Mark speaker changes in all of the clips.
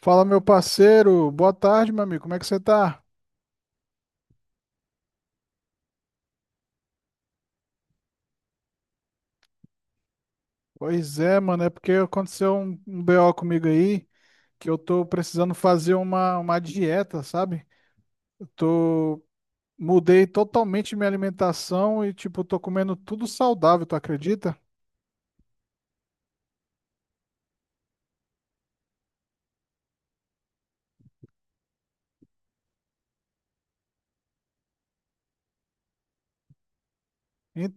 Speaker 1: Fala, meu parceiro. Boa tarde, meu amigo. Como é que você tá? Pois é, mano. É porque aconteceu um BO comigo aí que eu tô precisando fazer uma dieta, sabe? Eu tô. Mudei totalmente minha alimentação e, tipo, tô comendo tudo saudável, tu acredita? En-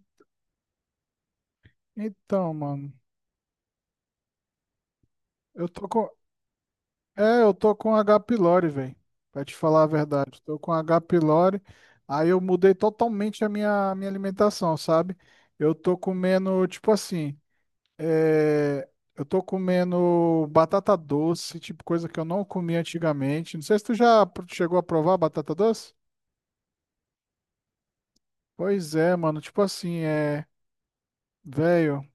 Speaker 1: Então, mano, eu tô com. É, eu tô com H. pylori, velho. Pra te falar a verdade. Tô com H. pylori. Aí eu mudei totalmente a minha alimentação, sabe? Eu tô comendo, tipo assim. É, eu tô comendo batata doce, tipo coisa que eu não comia antigamente. Não sei se tu já chegou a provar batata doce? Pois é, mano. Tipo assim, é. Velho,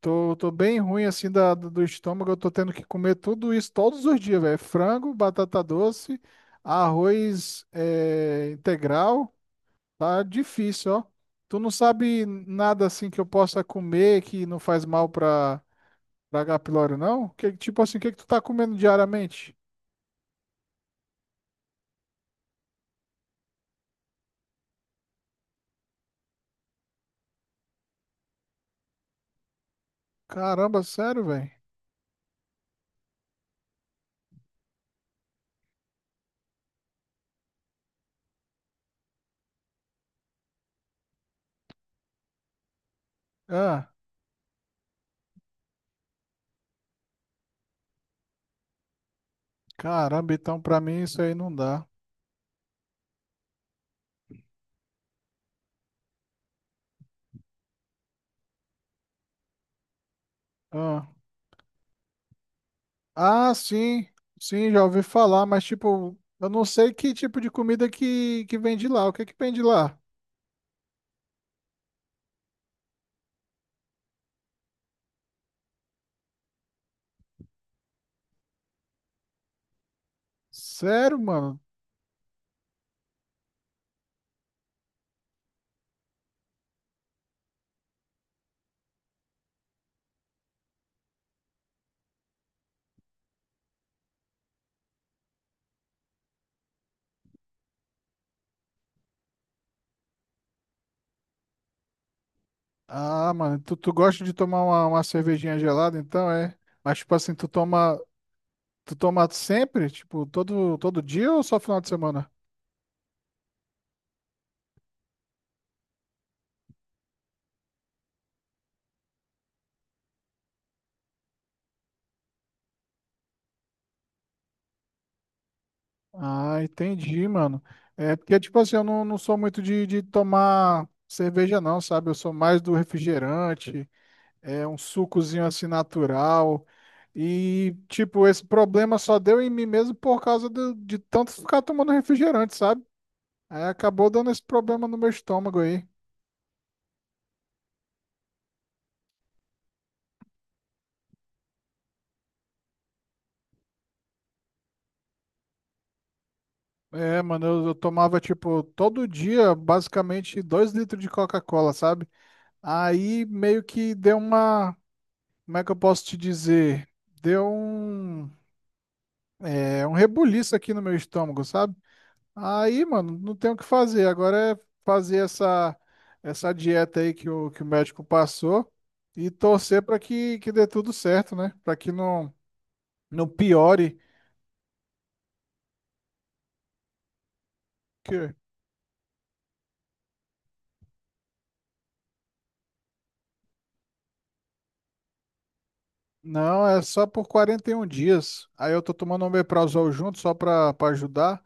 Speaker 1: tô bem ruim assim da, do estômago. Eu tô tendo que comer tudo isso todos os dias, velho. Frango, batata doce, arroz é, integral. Tá difícil, ó. Tu não sabe nada assim que eu possa comer que não faz mal pra, pra H. pylori, não? Que, tipo assim, o que que tu tá comendo diariamente? Caramba, sério, velho? Ah, caramba, então pra mim isso aí não dá. Ah, ah, sim, sim, já ouvi falar, mas tipo, eu não sei que tipo de comida que vende lá. O que que vende lá? Sério, mano? Ah, mano, tu gosta de tomar uma cervejinha gelada, então é? Mas tipo assim, tu toma sempre? Tipo, todo dia ou só final de semana? Ah, entendi, mano. É porque, tipo assim, eu não, não sou muito de tomar cerveja, não, sabe? Eu sou mais do refrigerante, é um sucozinho assim natural. E, tipo, esse problema só deu em mim mesmo por causa de tanto ficar tomando refrigerante, sabe? Aí acabou dando esse problema no meu estômago aí. É, mano, eu tomava, tipo, todo dia, basicamente, dois litros de Coca-Cola, sabe? Aí meio que deu uma. Como é que eu posso te dizer? Deu um. É um rebuliço aqui no meu estômago, sabe? Aí, mano, não tem o que fazer. Agora é fazer essa dieta aí que o médico passou e torcer para que, que dê tudo certo, né? Para que não, não piore. Que... Não, é só por 41 dias. Aí eu tô tomando omeprazol junto só para ajudar.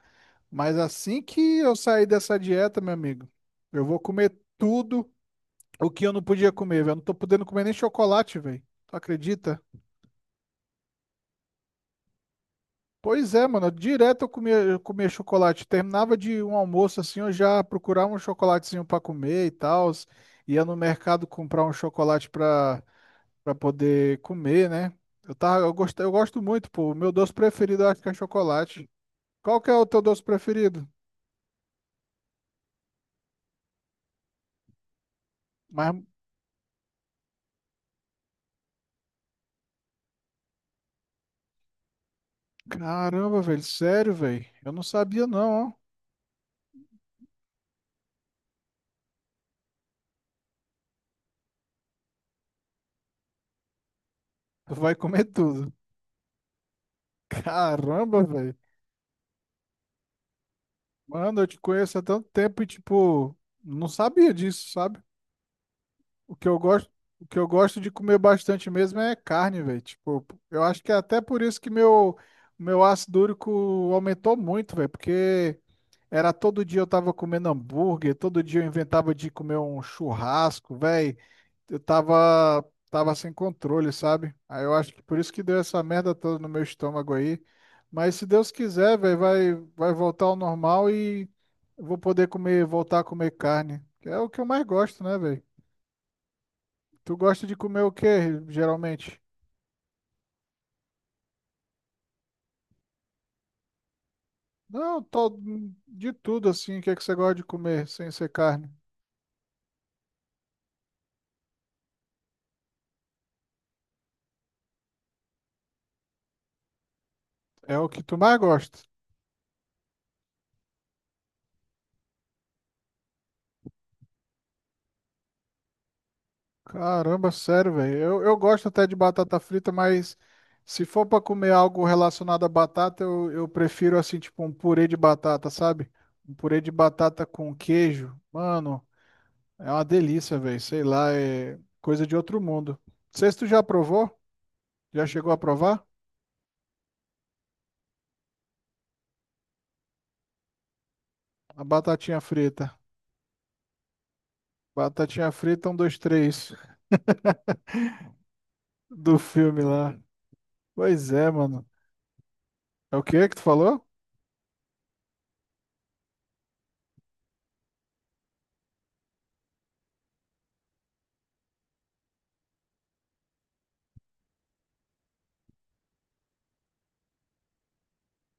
Speaker 1: Mas assim que eu sair dessa dieta, meu amigo, eu vou comer tudo o que eu não podia comer, velho. Eu não tô podendo comer nem chocolate, velho. Tu acredita? Pois é, mano. Direto eu comia chocolate. Terminava de um almoço assim, eu já procurava um chocolatezinho pra comer e tal. Ia no mercado comprar um chocolate pra para poder comer, né? Eu tava, eu gosto muito, pô. O meu doce preferido eu acho que é chocolate. Qual que é o teu doce preferido? Mas caramba, velho, sério, velho. Eu não sabia não, ó. Tu vai comer tudo. Caramba, velho. Mano, eu te conheço há tanto tempo e tipo, não sabia disso, sabe? O que eu gosto, o que eu gosto de comer bastante mesmo é carne, velho. Tipo, eu acho que é até por isso que meu ácido úrico aumentou muito, velho, porque era todo dia eu tava comendo hambúrguer, todo dia eu inventava de comer um churrasco, velho. Eu tava tava sem controle, sabe? Aí eu acho que por isso que deu essa merda toda no meu estômago aí. Mas se Deus quiser, velho, vai voltar ao normal e eu vou poder comer, voltar a comer carne, que é o que eu mais gosto, né, velho? Tu gosta de comer o quê, geralmente? Não, tô de tudo assim. O que é que você gosta de comer sem ser carne? É o que tu mais gosta. Caramba, sério, velho. Eu gosto até de batata frita, mas se for pra comer algo relacionado a batata, eu prefiro assim, tipo um purê de batata, sabe? Um purê de batata com queijo. Mano, é uma delícia, velho. Sei lá, é coisa de outro mundo. Não sei se tu já provou? Já chegou a provar? A batatinha frita. Batatinha frita, um, dois, três. Do filme lá. Pois é, mano. É o que que tu falou?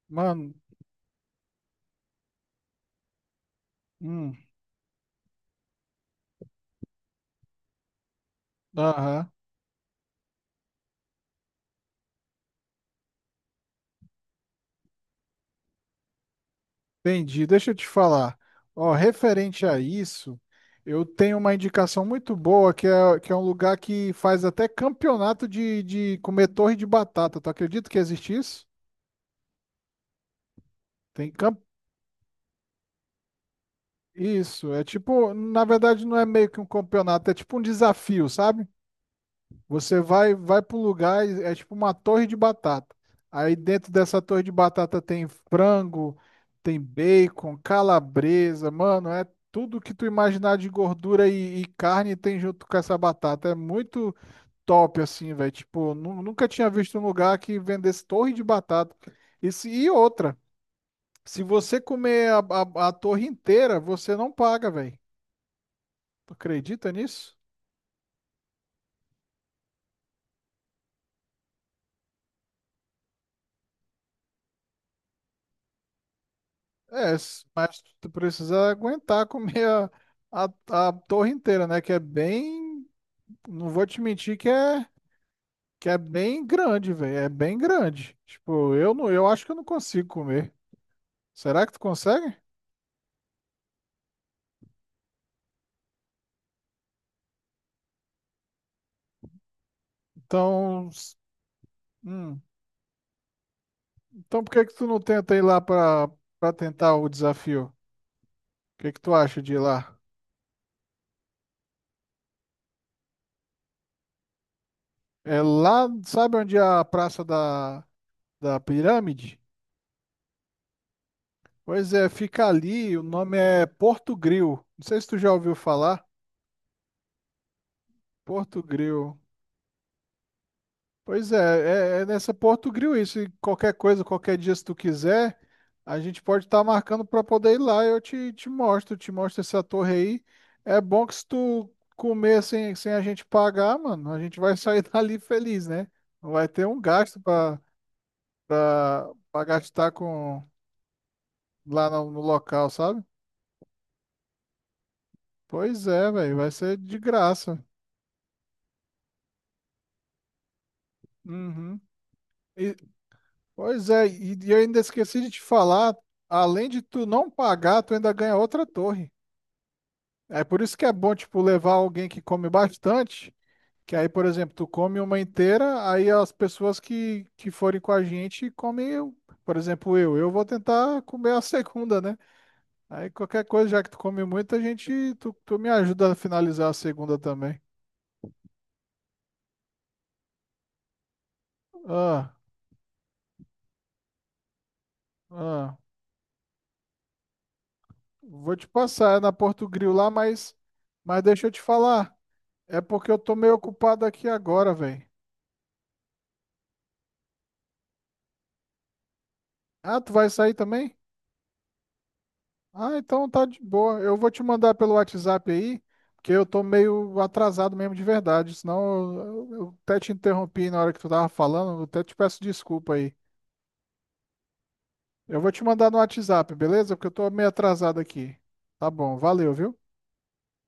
Speaker 1: Mano, hum, aham, entendi. Deixa eu te falar. Ó, referente a isso, eu tenho uma indicação muito boa que é um lugar que faz até campeonato de comer torre de batata. Tu acredita que existe isso? Tem camp... Isso, é tipo, na verdade não é meio que um campeonato, é tipo um desafio, sabe? Você vai para um lugar, e é tipo uma torre de batata. Aí dentro dessa torre de batata tem frango, tem bacon, calabresa, mano, é tudo que tu imaginar de gordura e carne tem junto com essa batata. É muito top assim, velho. Tipo, nunca tinha visto um lugar que vendesse torre de batata. E, e outra, se você comer a, a torre inteira, você não paga, velho. Tu acredita nisso? É, mas tu precisa aguentar comer a torre inteira, né? Que é bem. Não vou te mentir que é bem grande, velho. É bem grande. Tipo, eu não, eu acho que eu não consigo comer. Será que tu consegue? Então, s- hum, então por que que tu não tenta ir lá pra, pra tentar o desafio? O que que tu acha de ir lá? É lá, sabe onde é a Praça da, da Pirâmide? Pois é, fica ali, o nome é Porto Gril. Não sei se tu já ouviu falar. Porto Grill. Pois é, é nessa Porto Grill isso. E qualquer coisa, qualquer dia, se tu quiser, a gente pode estar marcando para poder ir lá. Te mostro essa torre aí. É bom que se tu comer sem, sem a gente pagar, mano, a gente vai sair dali feliz, né? Não vai ter um gasto para para gastar com lá no, no local, sabe? Pois é, velho, vai ser de graça. Uhum. Pois é, e eu ainda esqueci de te falar, além de tu não pagar, tu ainda ganha outra torre. É por isso que é bom, tipo, levar alguém que come bastante, que aí, por exemplo, tu come uma inteira, aí as pessoas que forem com a gente comem, eu. Por exemplo, eu. Eu vou tentar comer a segunda, né? Aí qualquer coisa, já que tu come muito, a gente, tu me ajuda a finalizar a segunda também. Ah, ah, vou te passar, é na Porto Grill lá, mas deixa eu te falar. É porque eu tô meio ocupado aqui agora, velho. Ah, tu vai sair também? Ah, então tá de boa. Eu vou te mandar pelo WhatsApp aí, porque eu tô meio atrasado mesmo de verdade. Senão eu até te interrompi na hora que tu tava falando, eu até te peço desculpa aí. Eu vou te mandar no WhatsApp, beleza? Porque eu tô meio atrasado aqui. Tá bom, valeu, viu?